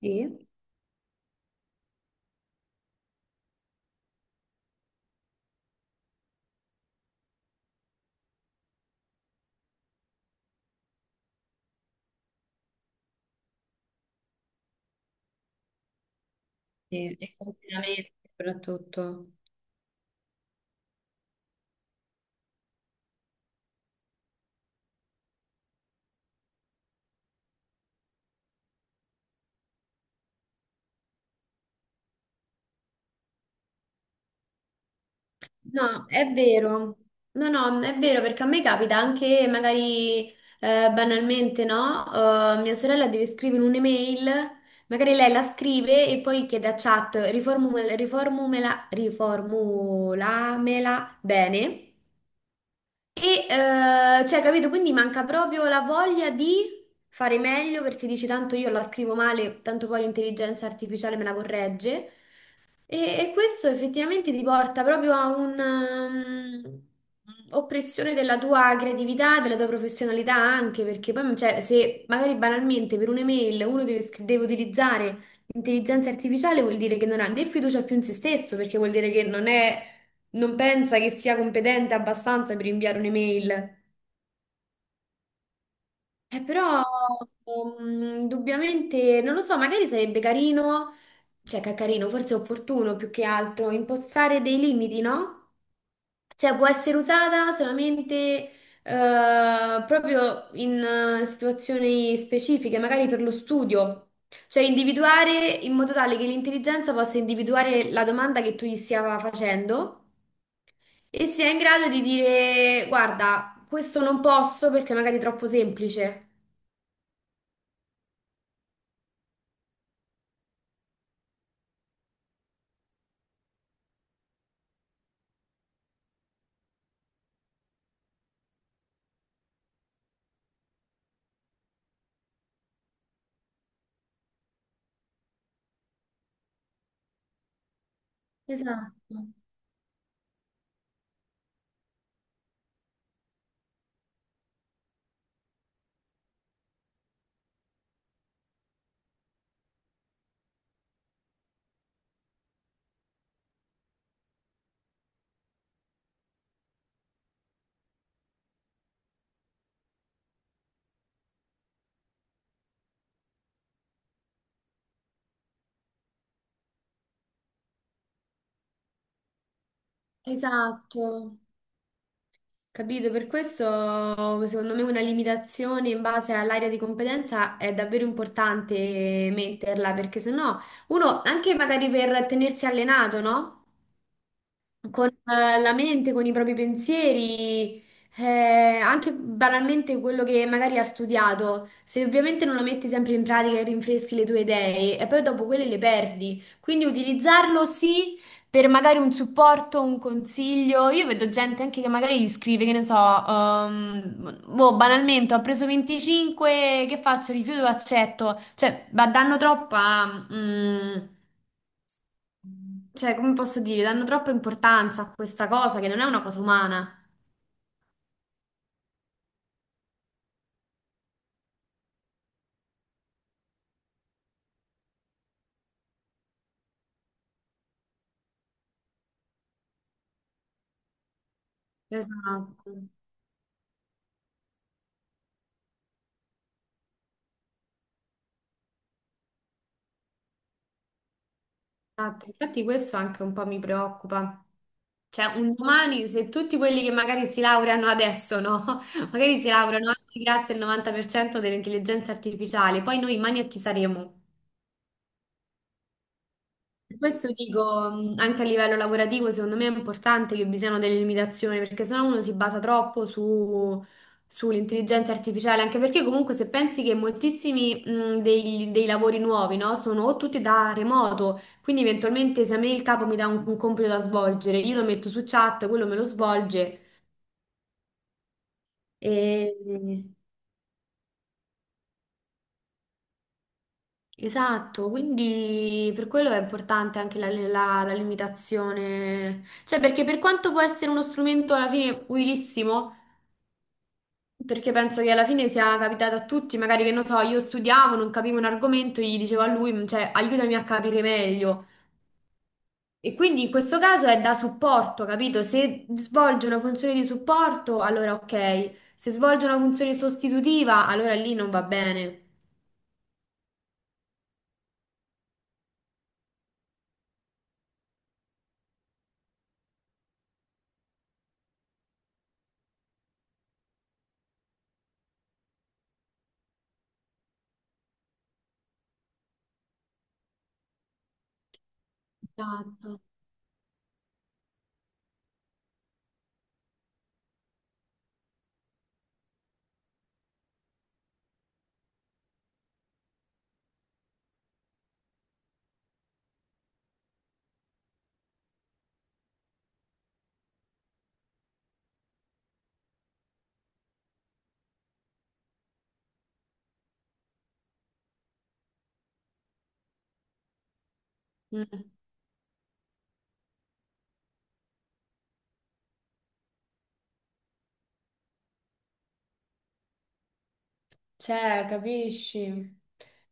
Sì. Sì, e confinamento soprattutto. No, è vero. No, no, è vero perché a me capita anche magari banalmente, no? Mia sorella deve scrivere un'email, magari lei la scrive e poi chiede a chat riformulamela bene. E, cioè, capito? Quindi manca proprio la voglia di fare meglio perché dici tanto io la scrivo male, tanto poi l'intelligenza artificiale me la corregge. E questo effettivamente ti porta proprio a un'oppressione della tua creatività, della tua professionalità anche, perché poi cioè, se magari banalmente per un'email uno deve utilizzare l'intelligenza artificiale vuol dire che non ha né fiducia più in se stesso, perché vuol dire che non pensa che sia competente abbastanza per inviare un'email. Però, indubbiamente, non lo so, magari sarebbe carino, cioè che è carino, forse è opportuno più che altro, impostare dei limiti, no? Cioè può essere usata solamente proprio in situazioni specifiche, magari per lo studio. Cioè individuare in modo tale che l'intelligenza possa individuare la domanda che tu gli stia facendo. E si è in grado di dire: guarda, questo non posso perché magari è troppo semplice. Esatto, esatto. Capito? Per questo, secondo me, una limitazione in base all'area di competenza è davvero importante metterla, perché sennò uno, anche magari per tenersi allenato, no? Con la mente, con i propri pensieri, anche banalmente quello che magari ha studiato. Se ovviamente non lo metti sempre in pratica e rinfreschi le tue idee, e poi dopo quelle le perdi. Quindi utilizzarlo sì, per magari un supporto, un consiglio. Io vedo gente anche che magari gli scrive, che ne so, boh, banalmente ho preso 25, che faccio? Rifiuto o accetto? Cioè, danno troppa, cioè, come posso dire, danno troppa importanza a questa cosa che non è una cosa umana. Esatto. Esatto. Infatti questo anche un po' mi preoccupa. Cioè, un domani, se tutti quelli che magari si laureano adesso, no? Magari si laureano anche grazie al 90% dell'intelligenza artificiale, poi noi in mano a chi saremo? Questo dico anche a livello lavorativo, secondo me è importante che vi siano delle limitazioni, perché sennò uno si basa troppo sull'intelligenza artificiale, anche perché comunque se pensi che moltissimi dei lavori nuovi, no, sono o tutti da remoto, quindi eventualmente se a me il capo mi dà un compito da svolgere, io lo metto su chat, quello me lo svolge. E... Esatto, quindi per quello è importante anche la limitazione, cioè, perché per quanto può essere uno strumento alla fine utilissimo, perché penso che alla fine sia capitato a tutti, magari che non so, io studiavo, non capivo un argomento, gli dicevo a lui: cioè aiutami a capire meglio. E quindi in questo caso è da supporto, capito? Se svolge una funzione di supporto, allora ok; se svolge una funzione sostitutiva, allora lì non va bene. Esatto. Mm. Cioè, capisci?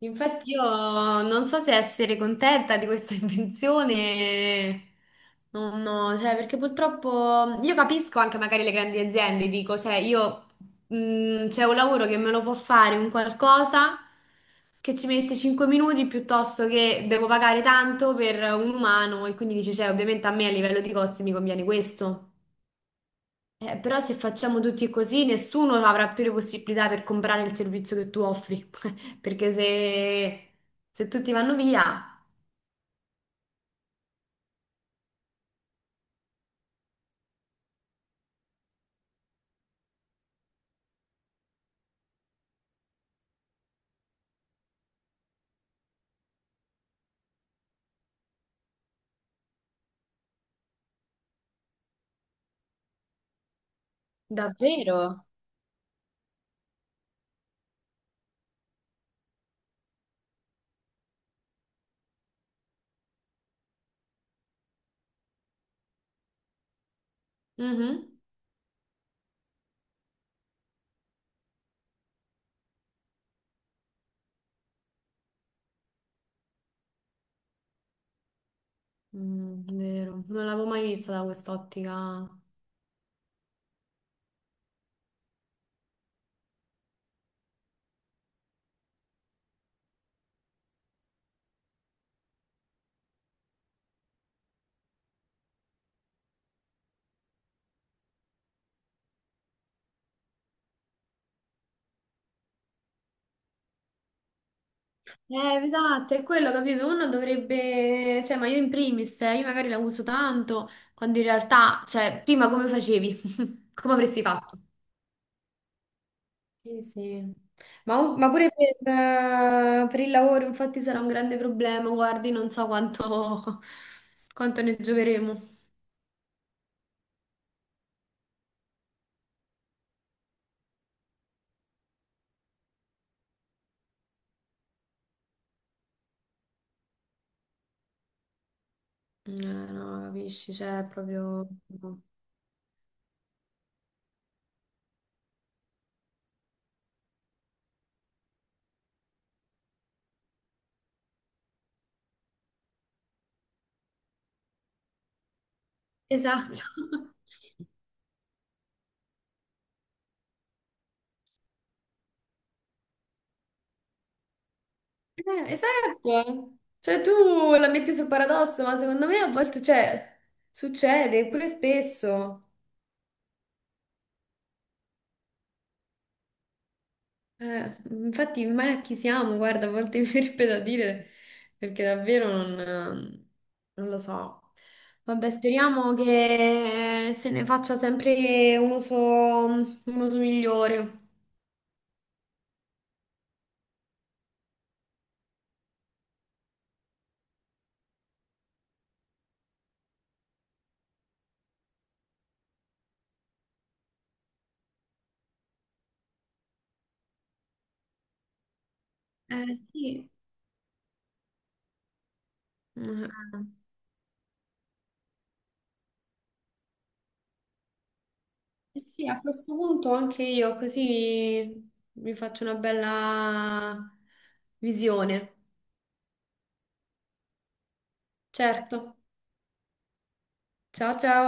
Infatti io non so se essere contenta di questa invenzione. Non no, cioè, perché purtroppo io capisco anche magari le grandi aziende, dico, cioè, io c'è un lavoro che me lo può fare un qualcosa che ci mette 5 minuti piuttosto che devo pagare tanto per un umano, e quindi dici, cioè, ovviamente a me a livello di costi mi conviene questo. Però se facciamo tutti così, nessuno avrà più le possibilità per comprare il servizio che tu offri. Perché se tutti vanno via. Davvero? Mhm. Vero, non l'avevo mai vista da quest'ottica. Eh, esatto, è quello, capito? Uno dovrebbe, cioè, ma io in primis, io magari la uso tanto, quando in realtà, cioè, prima come facevi? Come avresti fatto? Sì, sì. Ma pure per il lavoro, infatti, sarà un grande problema. Guardi, non so quanto, quanto ne gioveremo. No, capisci, cioè, è proprio. No. Esatto. Esatto. Cioè, tu la metti sul paradosso, ma secondo me a volte, cioè, succede, pure spesso. Infatti, male a chi siamo, guarda, a volte mi verrebbe da dire, perché davvero non lo so. Vabbè, speriamo che se ne faccia sempre un uso migliore. Sì. Eh, eh sì, a questo punto anche io così mi faccio una bella visione. Certo. Ciao ciao.